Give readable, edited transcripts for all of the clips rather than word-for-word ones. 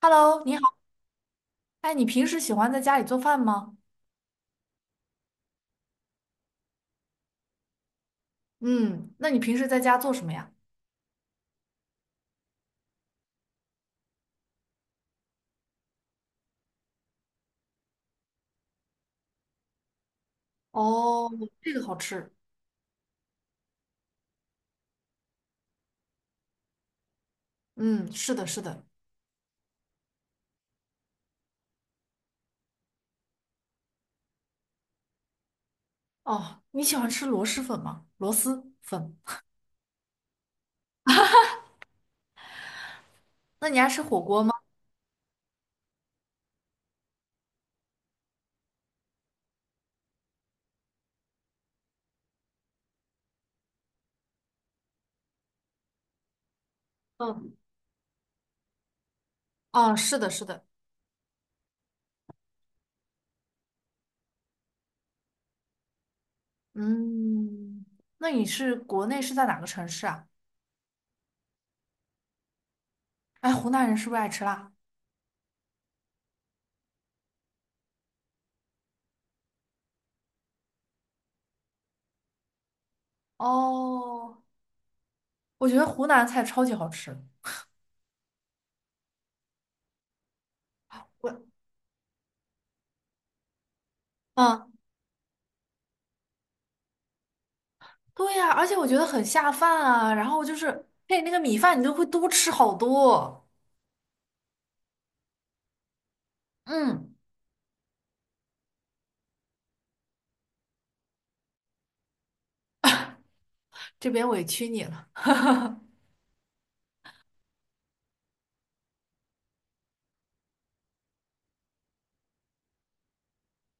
Hello，你好，哎，你平时喜欢在家里做饭吗？嗯，那你平时在家做什么呀？哦，这个好吃。嗯，是的，是的。哦，你喜欢吃螺蛳粉吗？螺蛳粉？那你爱吃火锅吗？嗯，哦，是的，是的。嗯，那你是国内是在哪个城市啊？哎，湖南人是不是爱吃辣？哦，我觉得湖南菜超级好吃。我，嗯，对呀，而且我觉得很下饭啊。然后就是配那个米饭，你都会多吃好多。嗯，这边委屈你了。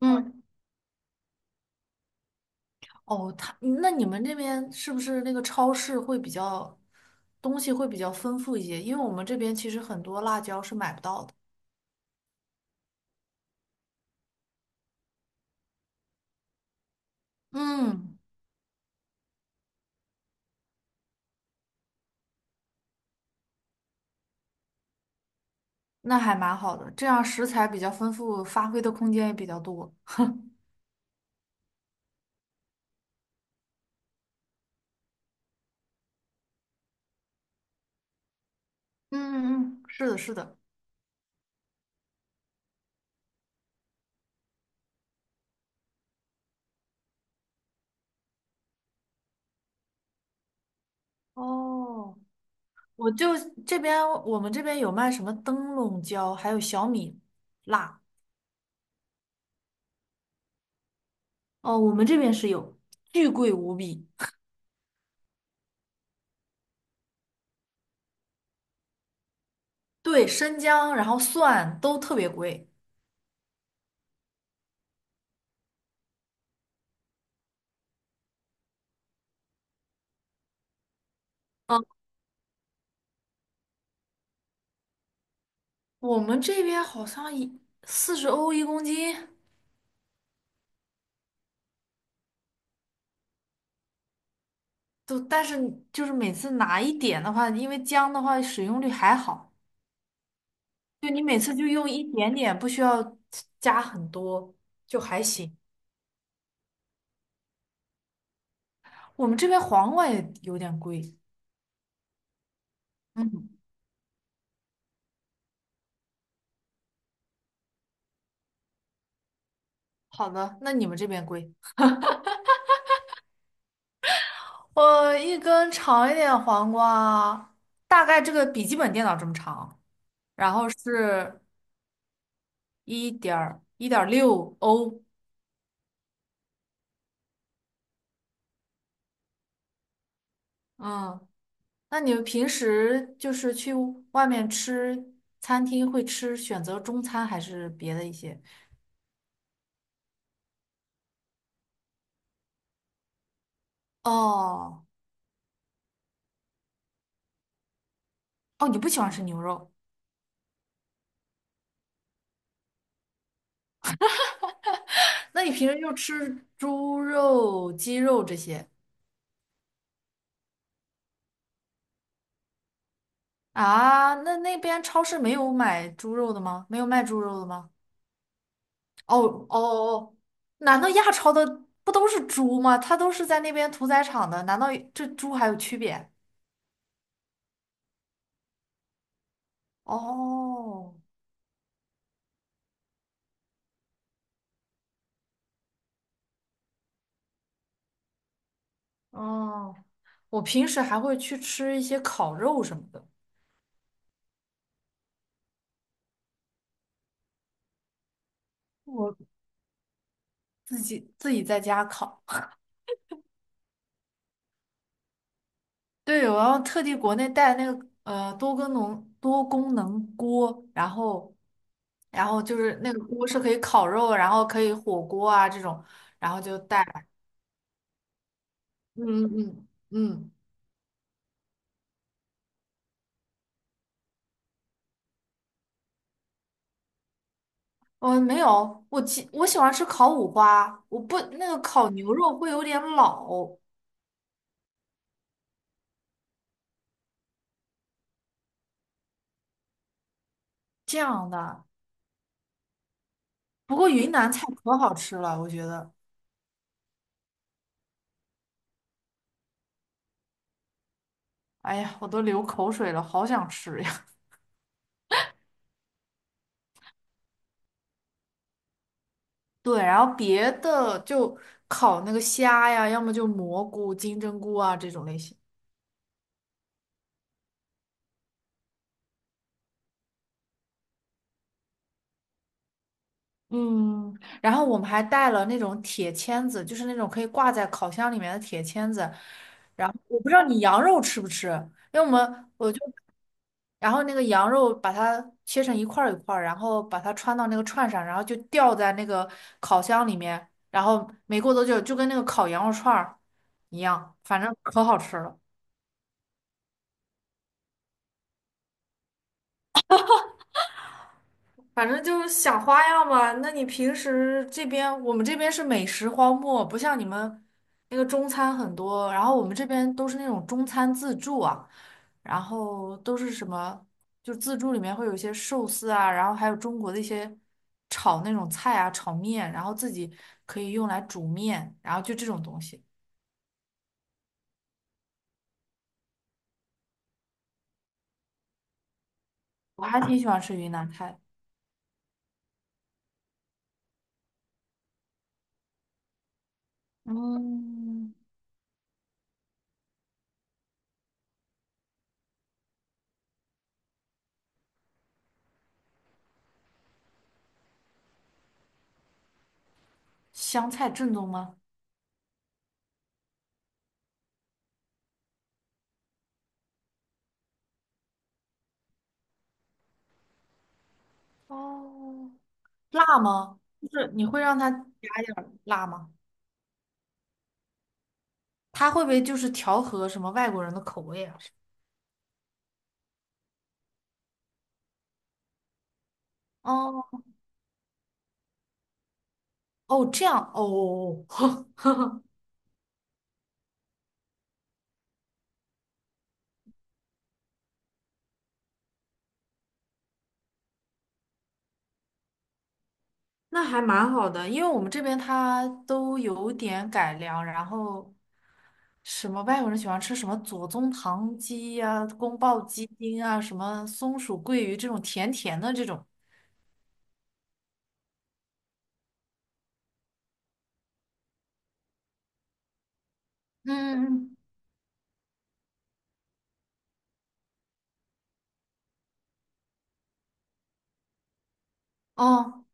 嗯，哦，他，那你们这边是不是那个超市会比较，东西会比较丰富一些？因为我们这边其实很多辣椒是买不到的，嗯，那还蛮好的，这样食材比较丰富，发挥的空间也比较多。嗯嗯，是的，是的，哦，我就这边，我们这边有卖什么灯笼椒，还有小米辣，哦，我们这边是有，巨贵无比。对，生姜，然后蒜都特别贵。嗯，我们这边好像一四十欧一公斤，都，但是就是每次拿一点的话，因为姜的话使用率还好，就你每次就用一点点，不需要加很多，就还行。我们这边黄瓜也有点贵。嗯，好的，那你们这边贵？我一根长一点黄瓜，大概这个笔记本电脑这么长，然后是一点一点六欧，嗯。那你们平时就是去外面吃餐厅会吃选择中餐还是别的一些？哦哦，你不喜欢吃牛肉，那你平时就吃猪肉、鸡肉这些啊？那那边超市没有买猪肉的吗？没有卖猪肉的吗？哦哦哦，难道亚超的不都是猪吗？它都是在那边屠宰场的，难道这猪还有区别？哦哦，我平时还会去吃一些烤肉什么的。我自己在家烤。对，我要特地国内带那个多功能锅，然后然后就是那个锅是可以烤肉，然后可以火锅啊这种，然后就带来。嗯嗯嗯，我没有，我喜欢吃烤五花，我不那个烤牛肉会有点老，这样的。不过云南菜可好吃了，我觉得，哎呀，我都流口水了，好想吃。呀。对，然后别的就烤那个虾呀，要么就蘑菇、金针菇啊这种类型。嗯，然后我们还带了那种铁签子，就是那种可以挂在烤箱里面的铁签子。然后我不知道你羊肉吃不吃，因为我们我就，然后那个羊肉把它切成一块儿一块儿，然后把它穿到那个串上，然后就吊在那个烤箱里面，然后没过多久就跟那个烤羊肉串儿一样，反正可好吃了。反正就是想花样吧。那你平时这边，我们这边是美食荒漠，不像你们那个中餐很多，然后我们这边都是那种中餐自助啊，然后都是什么，就自助里面会有一些寿司啊，然后还有中国的一些炒那种菜啊，炒面，然后自己可以用来煮面，然后就这种东西，我还挺喜欢吃云南菜。嗯，湘菜正宗吗？哦，辣吗？就是你会让他加一点儿辣吗？他会不会就是调和什么外国人的口味啊？哦哦，这样哦，那还蛮好的，因为我们这边它都有点改良，然后什么外国人喜欢吃什么左宗棠鸡呀、宫爆鸡丁啊、什么松鼠桂鱼这种甜甜的这种。嗯嗯，嗯，哦，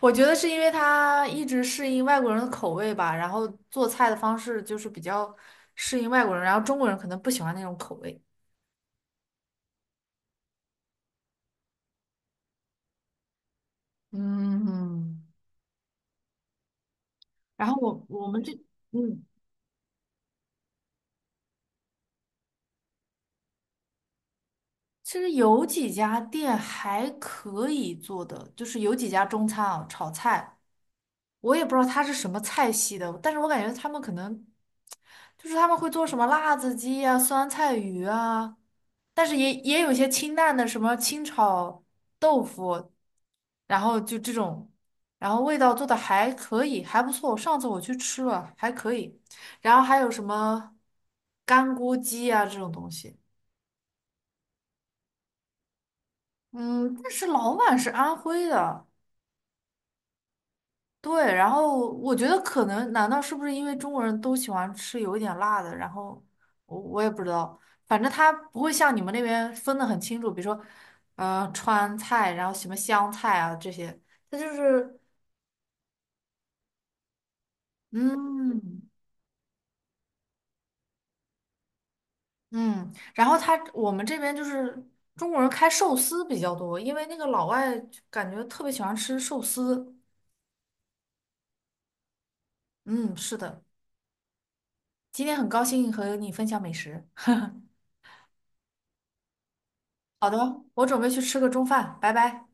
我觉得是因为他一直适应外国人的口味吧，然后做菜的方式就是比较适应外国人，然后中国人可能不喜欢那种口味。嗯，然后我们这，嗯，其实有几家店还可以做的，就是有几家中餐啊，炒菜。我也不知道它是什么菜系的，但是我感觉他们可能就是他们会做什么辣子鸡呀、酸菜鱼啊，但是也有一些清淡的，什么清炒豆腐，然后就这种，然后味道做的还可以，还不错。上次我去吃了，还可以。然后还有什么干锅鸡啊这种东西，嗯，但是老板是安徽的。对，然后我觉得可能，难道是不是因为中国人都喜欢吃有一点辣的？然后我也不知道，反正他不会像你们那边分的很清楚，比如说，川菜，然后什么湘菜啊这些，他就是，嗯嗯，然后他我们这边就是中国人开寿司比较多，因为那个老外就感觉特别喜欢吃寿司。嗯，是的，今天很高兴和你分享美食。好的，我准备去吃个中饭，拜拜。